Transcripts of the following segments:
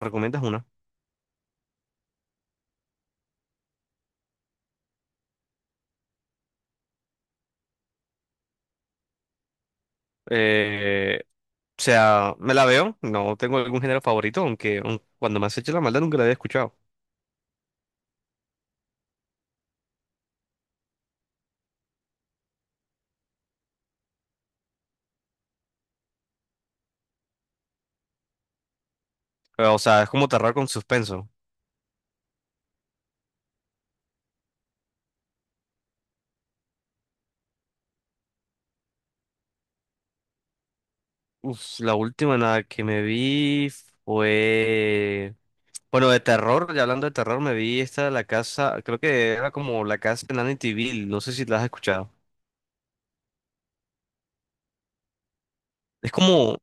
¿Recomiendas una? Eh, o sea, me la veo, no tengo algún género favorito, aunque cuando me has hecho la maldad nunca la había escuchado. O sea, es como terror con suspenso. Uf, la última en la que me vi fue... Bueno, de terror, ya hablando de terror, me vi esta de la casa, creo que era como la casa en Amityville, no sé si la has escuchado. Es como,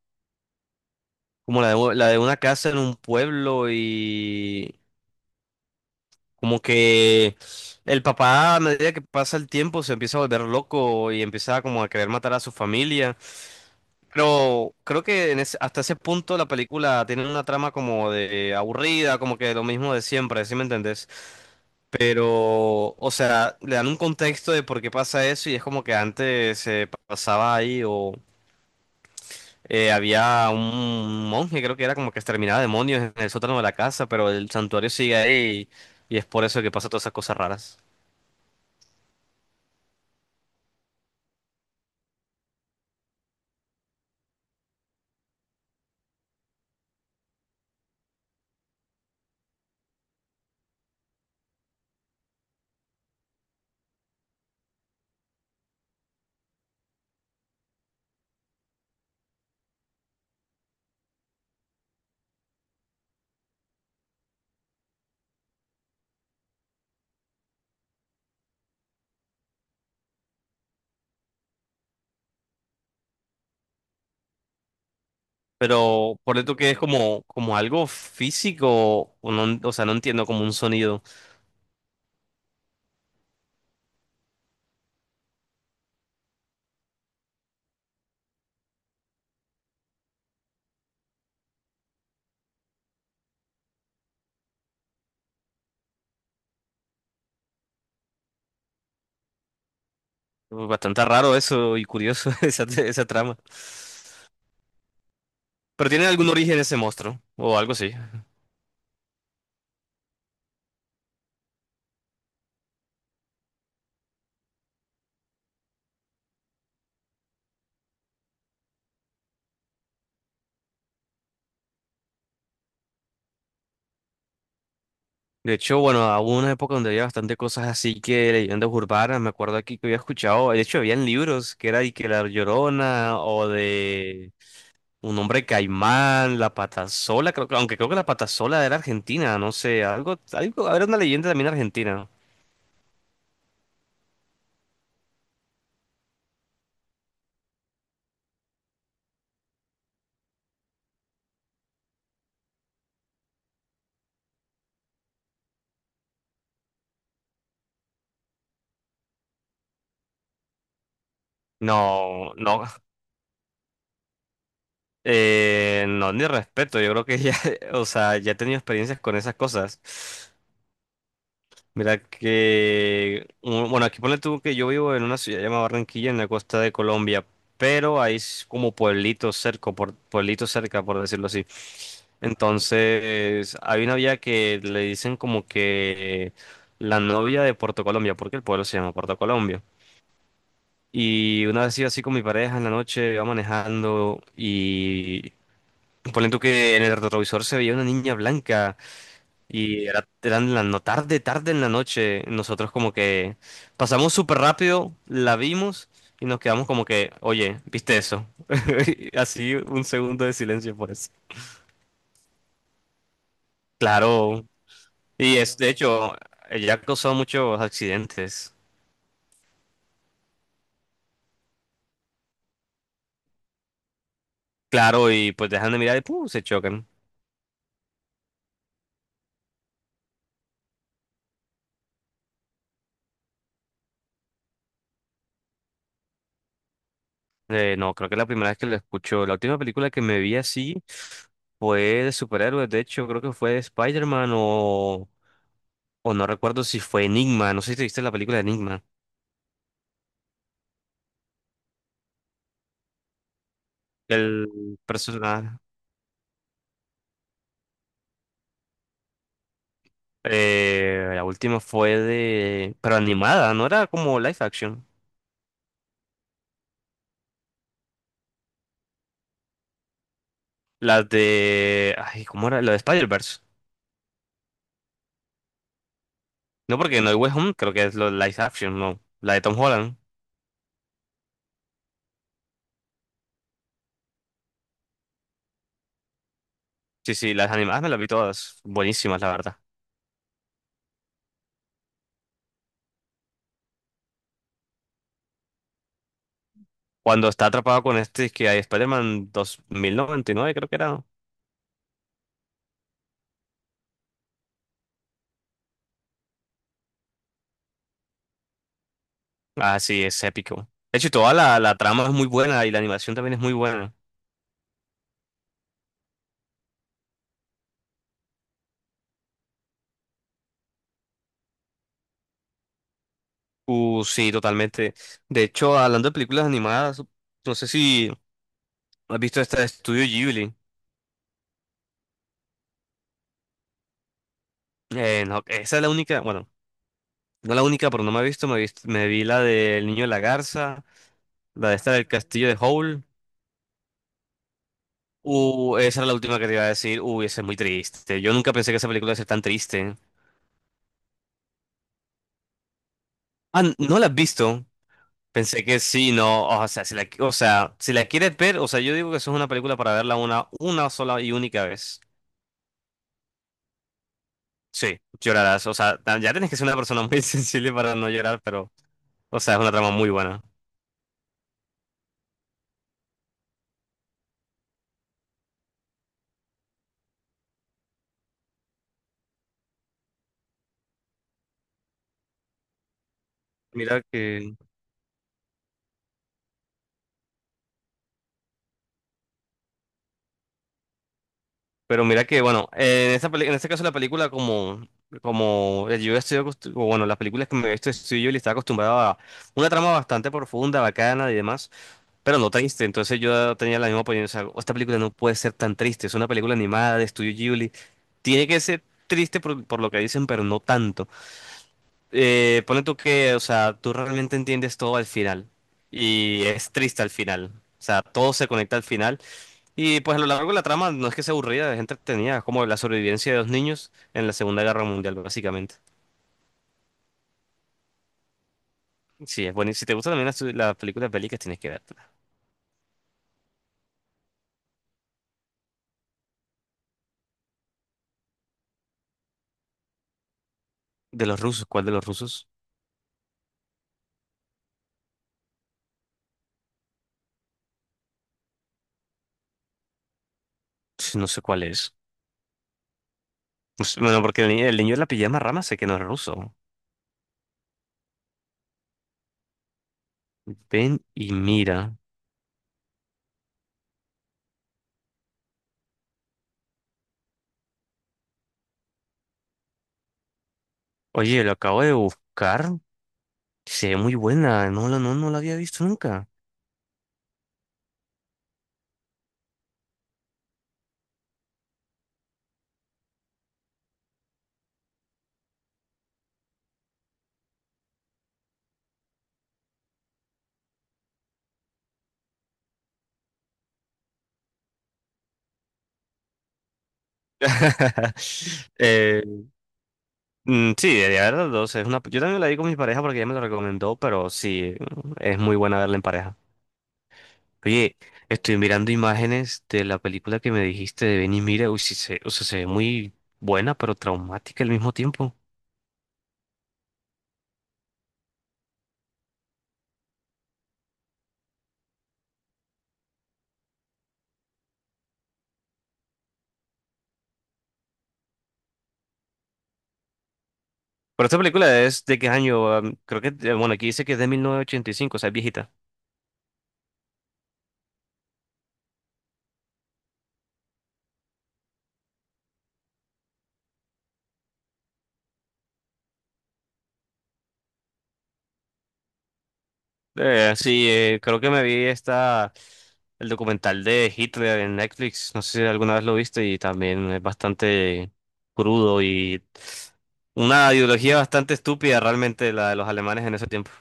como la de una casa en un pueblo y como que el papá, a medida que pasa el tiempo, se empieza a volver loco y empieza como a querer matar a su familia. Pero creo que hasta ese punto la película tiene una trama como de aburrida, como que lo mismo de siempre, ¿sí me entendés? Pero, o sea, le dan un contexto de por qué pasa eso y es como que antes se pasaba ahí o había un monje, creo que era como que exterminaba demonios en el sótano de la casa, pero el santuario sigue ahí y es por eso que pasa todas esas cosas raras. Pero por esto que es como, como algo físico, o sea, no entiendo como un sonido. Bastante raro eso y curioso esa trama. Pero tiene algún origen ese monstruo, o algo así. De hecho, bueno, hubo una época donde había bastante cosas así que leyendas urbanas, me acuerdo aquí que había escuchado, de hecho, habían libros que era de que La Llorona o de un hombre caimán, La Patasola, creo, que- aunque creo que La Patasola era argentina, no sé, algo, algo, era una leyenda también argentina. No, no. No, ni respeto, yo creo que ya, o sea, ya he tenido experiencias con esas cosas. Mira que, bueno, aquí ponle tú que yo vivo en una ciudad llamada Barranquilla, en la costa de Colombia, pero como pueblitos cerca, por decirlo así. Entonces, hay una vía que le dicen como que la novia de Puerto Colombia, porque el pueblo se llama Puerto Colombia. Y una vez iba así con mi pareja en la noche, iba manejando. Ponen tú que en el retrovisor se veía una niña blanca y era, eran la no tarde, tarde en la noche. Nosotros como que pasamos súper rápido, la vimos y nos quedamos como que, oye, ¿viste eso? Así un segundo de silencio por eso. Claro. Y es, de hecho, ella ha causado muchos accidentes. Claro, y pues dejan de mirar y ¡pum!, se chocan. No, creo que es la primera vez que lo escucho. La última película que me vi así fue de superhéroes. De hecho, creo que fue de Spider-Man o no recuerdo si fue Enigma. No sé si te viste la película de Enigma. El personaje. La última fue de. Pero animada, no era como live action. La de. Ay, ¿cómo era? La de Spider-Verse. No, porque No Hay Way Home creo que es lo live action, no. La de Tom Holland. Sí, sí, las animadas me las vi todas. Buenísimas, la verdad. Cuando está atrapado con este, que hay Spider-Man 2099, creo que era. ¿No? Ah, sí, es épico. De hecho, toda la trama es muy buena y la animación también es muy buena. Sí, totalmente. De hecho, hablando de películas animadas, no sé si has visto esta de Studio Ghibli. No, esa es la única, bueno, no la única, pero no me he visto, me, me vi la del Niño de la Garza, la de esta del Castillo de Howl. Esa era la última que te iba a decir. Uy, esa es muy triste. Yo nunca pensé que esa película iba a ser tan triste. Ah, ¿no la has visto? Pensé que sí, no, o sea, si la, o sea, si la quieres ver, o sea, yo digo que eso es una película para verla una sola y única vez. Sí, llorarás, o sea, ya tienes que ser una persona muy sensible para no llorar, pero, o sea, es una trama muy buena. Mira que, pero mira que, bueno, en en este caso la película como, como yo estoy, o bueno, las películas que me he visto estoy yo y estaba acostumbrado a una trama bastante profunda, bacana y demás. Pero no triste, entonces yo tenía la misma opinión. O sea, esta película no puede ser tan triste. Es una película animada de Estudio Ghibli. Tiene que ser triste por lo que dicen, pero no tanto. Pone tú que, o sea, tú realmente entiendes todo al final. Y es triste al final. O sea, todo se conecta al final. Y pues a lo largo de la trama no es que sea aburrida, es entretenida. Es como la sobrevivencia de dos niños en la Segunda Guerra Mundial, básicamente. Sí, es bueno. Y si te gustan también las películas bélicas, tienes que verla. De los rusos, ¿cuál de los rusos? No sé cuál es. Pues, bueno, porque el, ni- el niño de la pijama rama sé que no es ruso. Ven y mira. Oye, lo acabo de buscar. Se ve muy buena. No, no, no la había visto nunca. Eh, sí, de verdad, o sea, es una, yo también la vi con mi pareja porque ella me la recomendó, pero sí, es muy buena verla en pareja. Oye, estoy mirando imágenes de la película que me dijiste de Ven y mira. Uy, sí, se, o sea, se ve muy buena, pero traumática al mismo tiempo. Pero esta película es de qué año, creo que, bueno, aquí dice que es de 1985, o sea, es viejita. Sí, creo que me vi esta, el documental de Hitler en Netflix, no sé si alguna vez lo viste y también es bastante crudo y una ideología bastante estúpida realmente la de los alemanes en ese tiempo.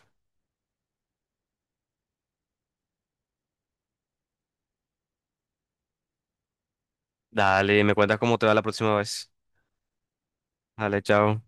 Dale, me cuentas cómo te va la próxima vez. Dale, chao.